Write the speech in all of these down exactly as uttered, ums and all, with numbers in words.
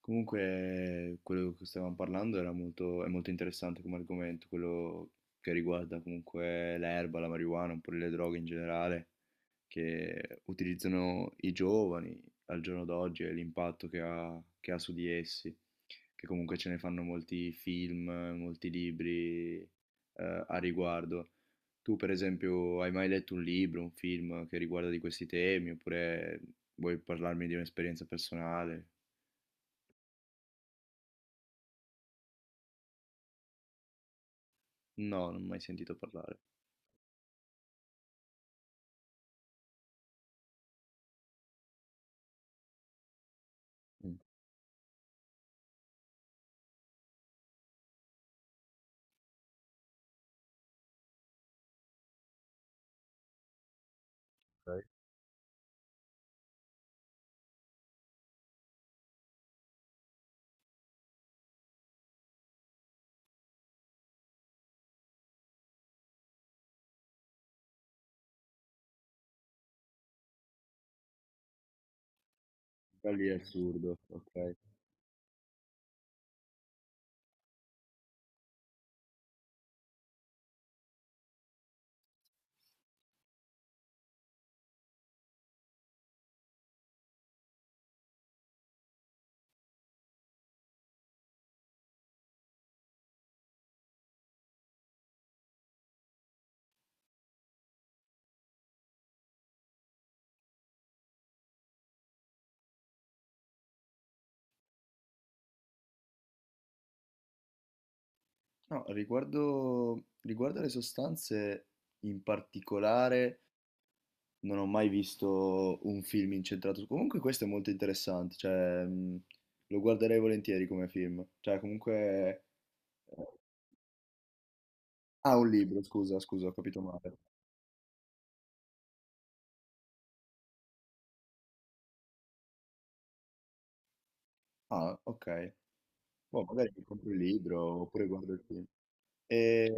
Comunque, quello che stavamo parlando era molto, è molto interessante come argomento, quello che riguarda comunque l'erba, la marijuana, un po' le droghe in generale, che utilizzano i giovani al giorno d'oggi e l'impatto che ha, che ha su di essi, che comunque ce ne fanno molti film, molti libri, eh, a riguardo. Tu, per esempio, hai mai letto un libro, un film che riguarda di questi temi, oppure vuoi parlarmi di un'esperienza personale? No, non ho mai sentito parlare. Mh. Okay. Però lì è assurdo, okay. No, riguardo riguardo alle sostanze, in particolare, non ho mai visto un film incentrato su comunque questo è molto interessante, cioè, mhmm, lo guarderei volentieri come film. Cioè comunque ehm ah, un libro, scusa, scusa, ho capito male. Ah, okay. Boh, magari mi compro il libro oppure guardo il film. Ehm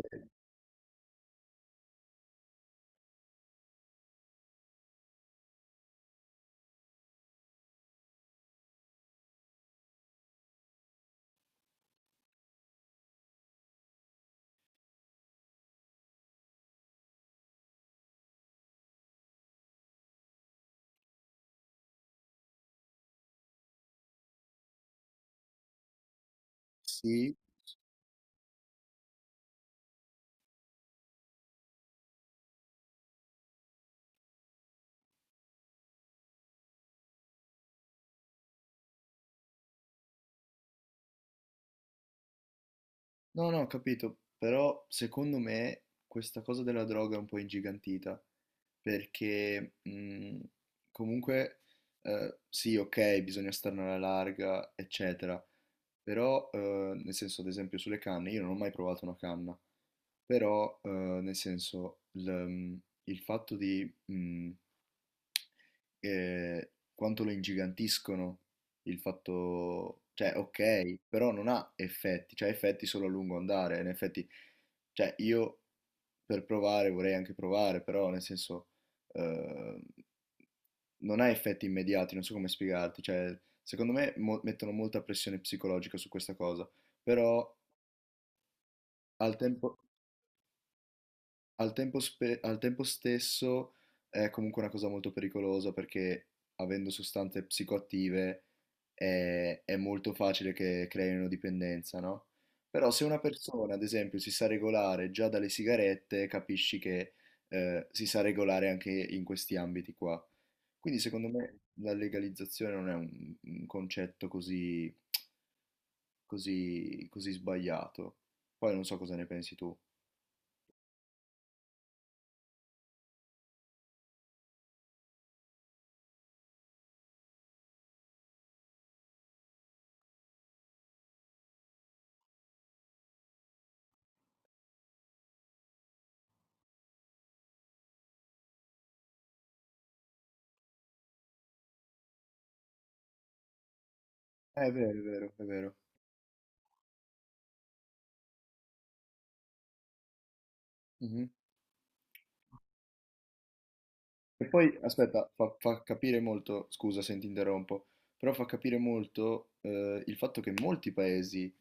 sì. No, no, ho capito, però secondo me questa cosa della droga è un po' ingigantita, perché mh, comunque eh, sì, ok, bisogna starne alla larga, eccetera, però eh, nel senso, ad esempio, sulle canne, io non ho mai provato una canna, però eh, nel senso, il, il fatto di mh, Ehm, quanto lo ingigantiscono il fatto, cioè okay, però non ha effetti, cioè ha effetti solo a lungo andare. In effetti, cioè io per provare vorrei anche provare, però nel senso, ehm, non ha effetti immediati, non so come spiegarti. Cioè, secondo me mo mettono molta pressione psicologica su questa cosa, però al tempo Al tempo, spe- al tempo stesso è comunque una cosa molto pericolosa perché avendo sostanze psicoattive è, è molto facile che creino dipendenza, no? Però se una persona, ad esempio, si sa regolare già dalle sigarette, capisci che eh, si sa regolare anche in questi ambiti qua. Quindi secondo me la legalizzazione non è un, un concetto così, così, così sbagliato. Poi non so cosa ne pensi tu. Eh, È vero, è vero, è vero. E poi, aspetta, fa, fa capire molto, scusa se ti interrompo, però fa capire molto, eh, il fatto che molti paesi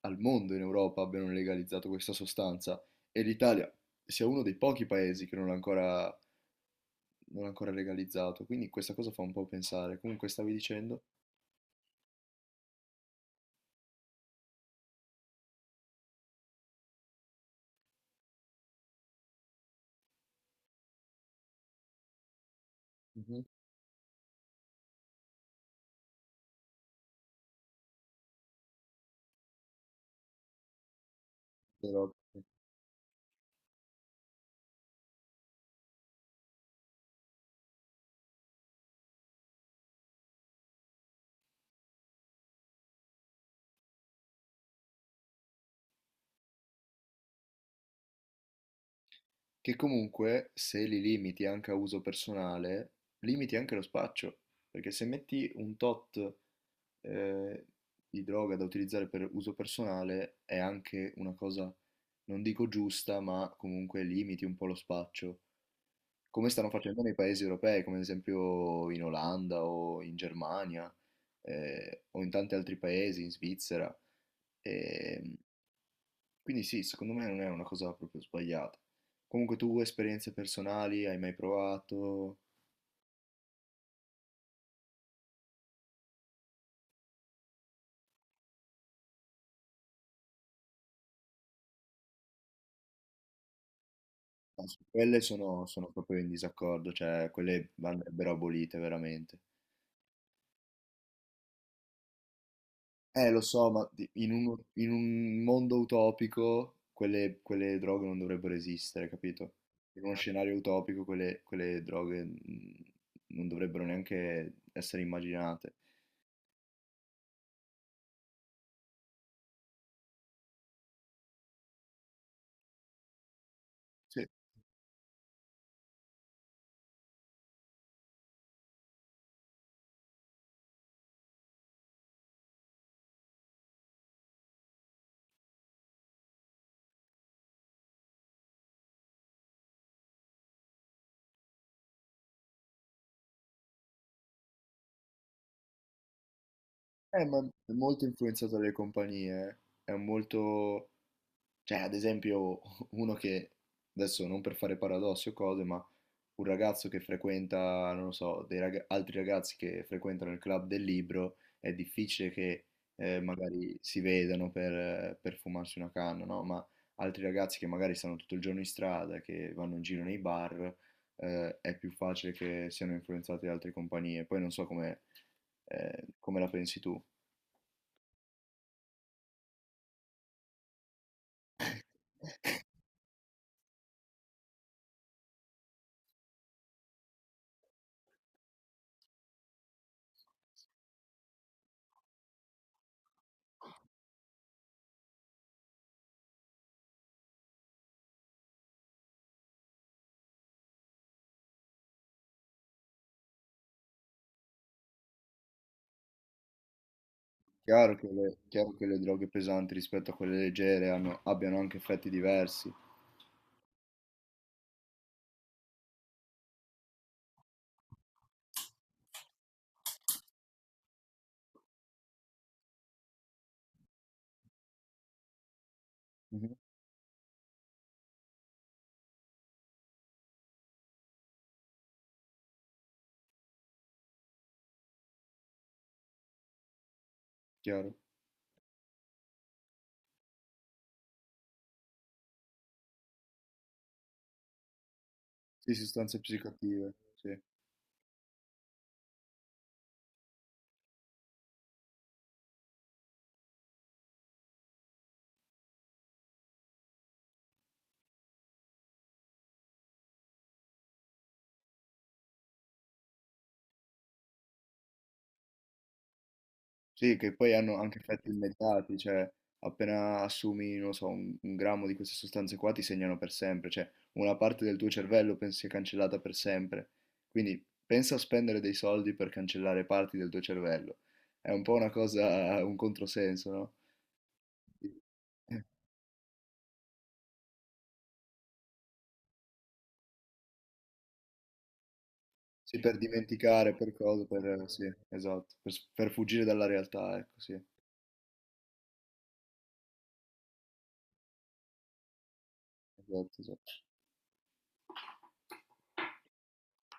al mondo in Europa abbiano legalizzato questa sostanza e l'Italia sia uno dei pochi paesi che non l'ha ancora, non l'ha ancora legalizzato. Quindi questa cosa fa un po' pensare. Comunque stavi dicendo. Mhm. Però, che comunque se li limiti anche a uso personale, limiti anche lo spaccio, perché se metti un tot eh, di droga da utilizzare per uso personale è anche una cosa, non dico giusta, ma comunque limiti un po' lo spaccio. Come stanno facendo nei paesi europei, come ad esempio in Olanda o in Germania eh, o in tanti altri paesi, in Svizzera. E quindi sì, secondo me non è una cosa proprio sbagliata. Comunque tu esperienze personali hai mai provato? No, su quelle sono, sono proprio in disaccordo, cioè quelle andrebbero abolite veramente. Eh, lo so, ma di- in un, in un mondo utopico quelle, quelle droghe non dovrebbero esistere, capito? In uno scenario utopico quelle, quelle droghe mm, non dovrebbero neanche essere immaginate. Sì. Eh, ma è molto influenzato dalle compagnie, eh. È un molto... Cioè, ad esempio, uno che, adesso non per fare paradossi o cose, ma un ragazzo che frequenta, non lo so, dei raga- altri ragazzi che frequentano il club del libro, è difficile che eh, magari si vedano per, per fumarsi una canna, no? Ma altri ragazzi che magari stanno tutto il giorno in strada, che vanno in giro nei bar, eh, è più facile che siano influenzati da altre compagnie. Poi non so come, eh, come la pensi tu. Chiaro che le, chiaro che le droghe pesanti rispetto a quelle leggere hanno- abbiano anche effetti diversi. Mhm. Chiaro? Sì, sostanze psicoattive, sì. Sì, che poi hanno anche effetti immediati, cioè appena assumi, non so, un, un grammo di queste sostanze qua ti segnano per sempre, cioè una parte del tuo cervello pensi sia cancellata per sempre. Quindi pensa a spendere dei soldi per cancellare parti del tuo cervello. È un po' una cosa, un controsenso, no? Sì, eh, sì, per dimenticare, per cosa, per... sì, esatto, per, s- per fuggire dalla realtà, ecco, sì, esatto, esatto.